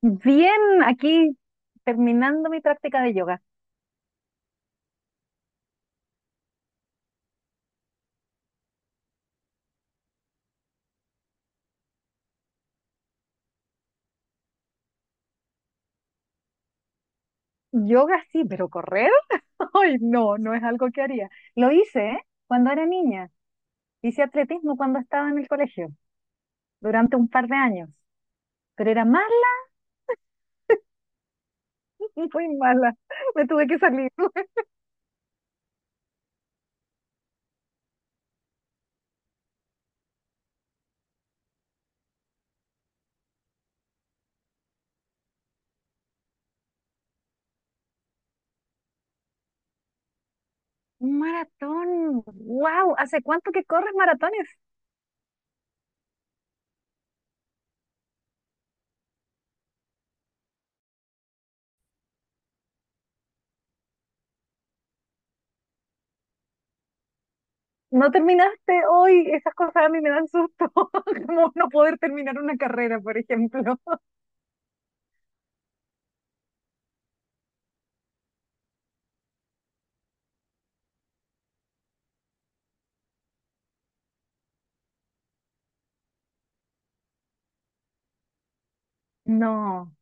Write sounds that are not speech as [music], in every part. Bien, aquí terminando mi práctica de yoga. Yoga sí, pero correr, [laughs] ay, no, no es algo que haría. Lo hice, ¿eh?, cuando era niña. Hice atletismo cuando estaba en el colegio, durante un par de años. Pero era mala, [laughs] muy mala. Me tuve que salir. [laughs] Un maratón. ¡Wow! ¿Hace cuánto que corres maratones? No terminaste hoy. Esas cosas a mí me dan susto. [laughs] Como no poder terminar una carrera, por ejemplo. [laughs] No.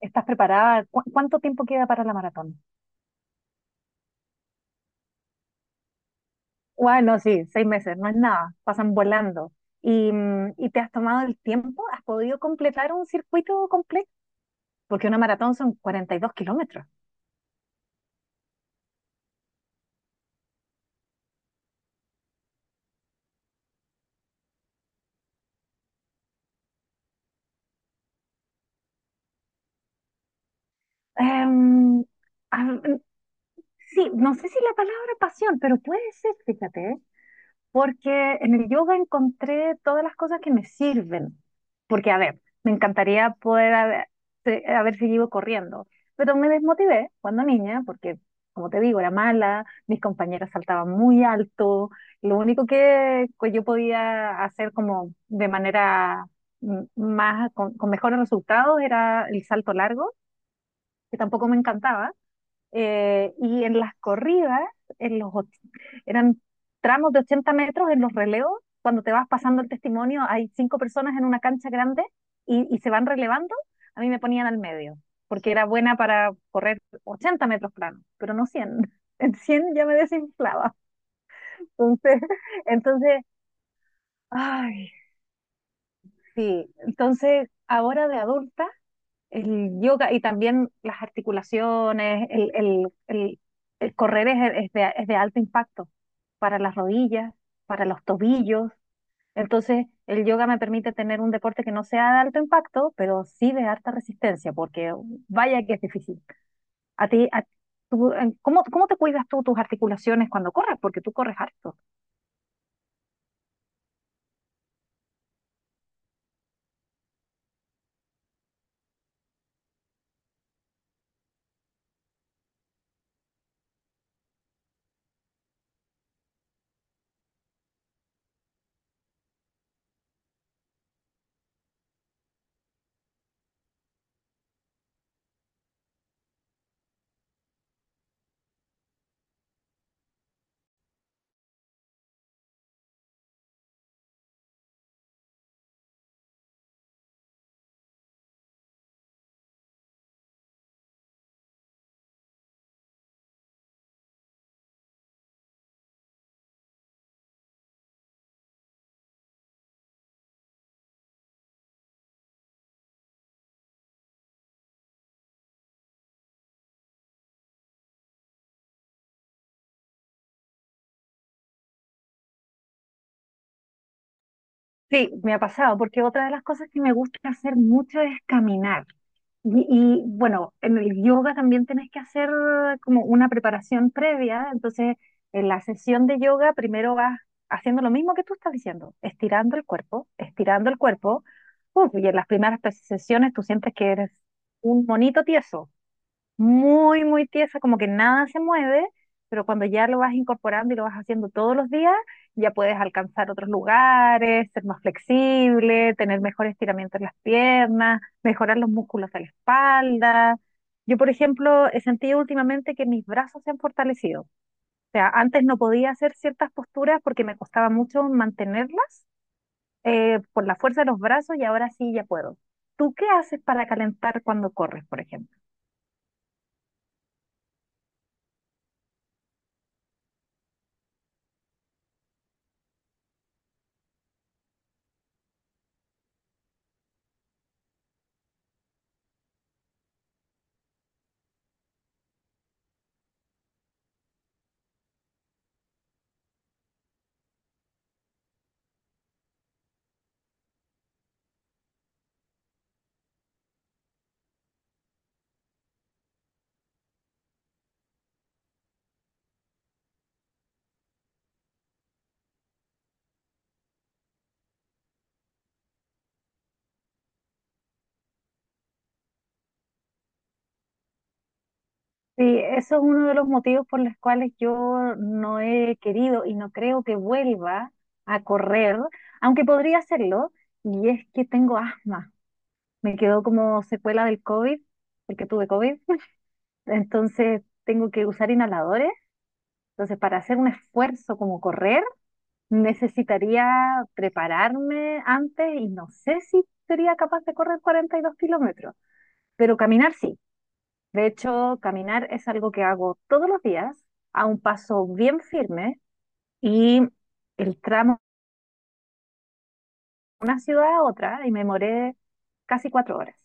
¿Estás preparada? ¿Cuánto tiempo queda para la maratón? Bueno, sí, 6 meses, no es nada, pasan volando. ¿Y te has tomado el tiempo? ¿Has podido completar un circuito completo? Porque una maratón son 42 kilómetros. Em, a- sí, no sé si la palabra pasión, pero puede ser, fíjate, ¿eh? Porque en el yoga encontré todas las cosas que me sirven. Porque, a ver, me encantaría poder haber seguido corriendo, pero me desmotivé cuando niña, porque, como te digo, era mala, mis compañeras saltaban muy alto, lo único que yo podía hacer como de manera más, con mejores resultados era el salto largo, que tampoco me encantaba. Y en las corridas, en los, och- eran tramos de 80 metros en los relevos, cuando te vas pasando el testimonio, hay cinco personas en una cancha grande y se van relevando, a mí me ponían al medio, porque era buena para correr 80 metros planos pero no 100. [laughs] En 100 ya me desinflaba. Entonces, entonces, ay, sí, entonces ahora de adulta, el yoga y también las articulaciones, el correr es de alto impacto para las rodillas, para los tobillos. Entonces, el yoga me permite tener un deporte que no sea de alto impacto, pero sí de harta resistencia, porque vaya que es difícil. A ti, a- tú, en- ¿cómo, cómo te cuidas tú tus articulaciones cuando corres? Porque tú corres harto. Sí, me ha pasado, porque otra de las cosas que me gusta hacer mucho es caminar. Y, bueno, en el yoga también tenés que hacer como una preparación previa. Entonces, en la sesión de yoga primero vas haciendo lo mismo que tú estás diciendo, estirando el cuerpo, estirando el cuerpo. Uf, y en las primeras sesiones tú sientes que eres un monito tieso, muy, muy tiesa, como que nada se mueve, pero cuando ya lo vas incorporando y lo vas haciendo todos los días, ya puedes alcanzar otros lugares, ser más flexible, tener mejor estiramiento en las piernas, mejorar los músculos de la espalda. Yo, por ejemplo, he sentido últimamente que mis brazos se han fortalecido. O sea, antes no podía hacer ciertas posturas porque me costaba mucho mantenerlas por la fuerza de los brazos, y ahora sí ya puedo. ¿Tú qué haces para calentar cuando corres, por ejemplo? Sí, eso es uno de los motivos por los cuales yo no he querido y no creo que vuelva a correr, aunque podría hacerlo, y es que tengo asma. Me quedó como secuela del COVID, porque tuve COVID, [laughs] entonces tengo que usar inhaladores. Entonces, para hacer un esfuerzo como correr, necesitaría prepararme antes y no sé si sería capaz de correr 42 kilómetros, pero caminar sí. De hecho, caminar es algo que hago todos los días a un paso bien firme y el tramo de una ciudad a otra, y me demoré casi 4 horas.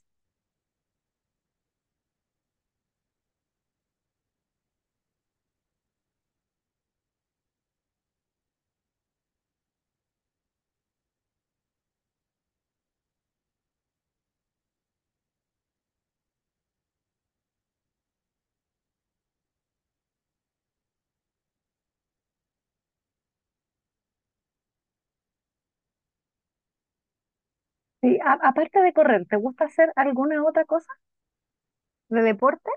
Sí, aparte de correr, ¿te gusta hacer alguna otra cosa de deporte?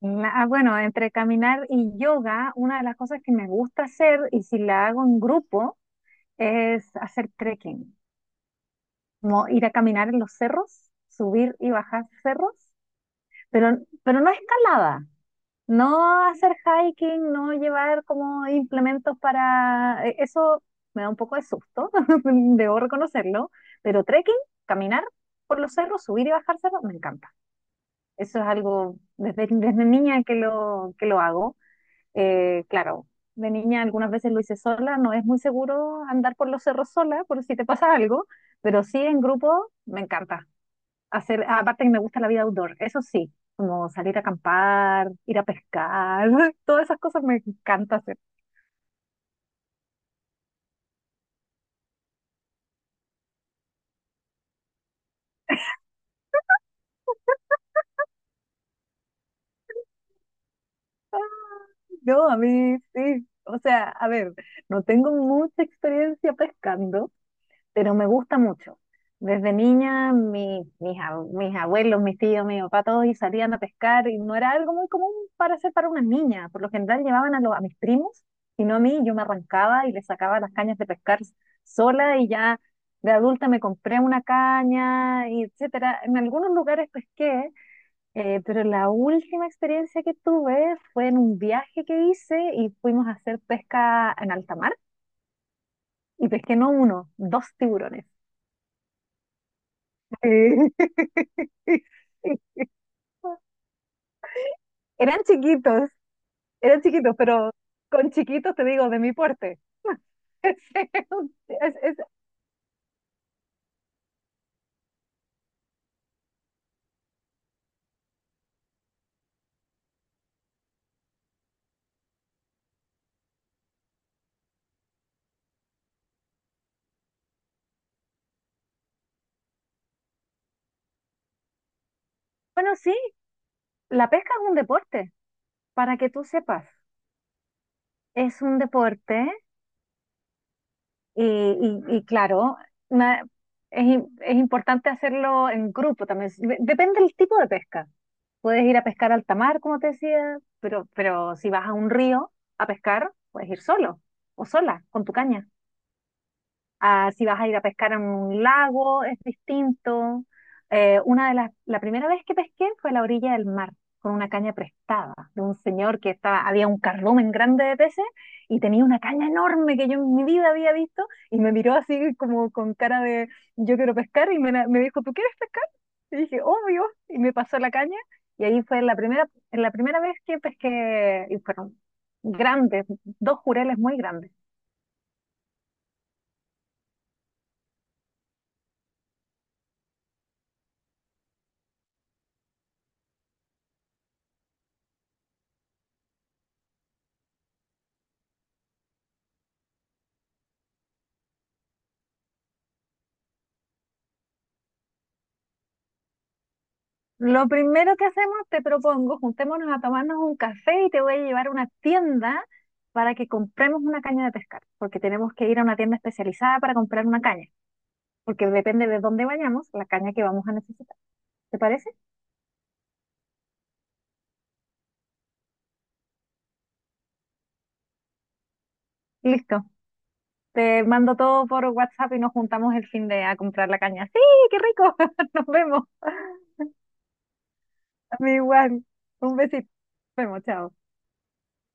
Bueno, entre caminar y yoga, una de las cosas que me gusta hacer y si la hago en grupo es hacer trekking, como ir a caminar en los cerros, subir y bajar cerros, pero, pero no escalada. No hacer hiking, no llevar como implementos Eso me da un poco de susto, [laughs] debo reconocerlo, pero trekking, caminar por los cerros, subir y bajar cerros, me encanta. Eso es algo desde, [laughs] desde niña que lo hago. Claro, de niña algunas veces lo hice sola, no es muy seguro andar por los cerros sola por si te pasa algo, pero sí en grupo me encanta hacer, aparte que me gusta la vida outdoor, eso sí, como salir a acampar, ir a pescar, [laughs] todas esas cosas me encanta hacer. A mí, sí, o sea, a ver, no tengo mucha experiencia pescando, pero me gusta mucho. Desde niña, mis abuelos, mis tíos, mi papá, todos y salían a pescar y no era algo muy común para hacer para una niña. Por lo general llevaban a mis primos y no a mí. Yo me arrancaba y les sacaba las cañas de pescar sola y ya de adulta me compré una caña, y etcétera. En algunos lugares pesqué, pero la última experiencia que tuve fue en un viaje que hice y fuimos a hacer pesca en alta mar y pesqué no uno, dos tiburones. Sí. [laughs] Eran chiquitos, eran chiquitos, pero con chiquitos te digo, de mi porte. [laughs] Es- es- es- Bueno, sí, la pesca es un deporte, para que tú sepas. Es un deporte y claro, na- es importante hacerlo en grupo también. Si, De- Depende del tipo de pesca. Puedes ir a pescar a alta mar, como te decía, pero si vas a un río a pescar, puedes ir solo o sola, con tu caña. A Si vas a ir a pescar en un lago, es distinto. La primera vez que pesqué fue a la orilla del mar, con una caña prestada de un señor que estaba, había un cardumen grande de peces y tenía una caña enorme que yo en mi vida había visto y me miró así como con cara de yo quiero pescar y me dijo, ¿tú quieres pescar? Y dije, obvio, y me pasó la caña y ahí fue la primera vez que pesqué y fueron grandes, dos jureles muy grandes. Lo primero que hacemos, te propongo, juntémonos a tomarnos un café y te voy a llevar a una tienda para que compremos una caña de pescar, porque tenemos que ir a una tienda especializada para comprar una caña, porque depende de dónde vayamos, la caña que vamos a necesitar. ¿Te parece? Listo. Te mando todo por WhatsApp y nos juntamos el fin de a comprar la caña. ¡Sí, qué rico! [laughs] Nos vemos. A mí igual. Un besito. Nos vemos, chao.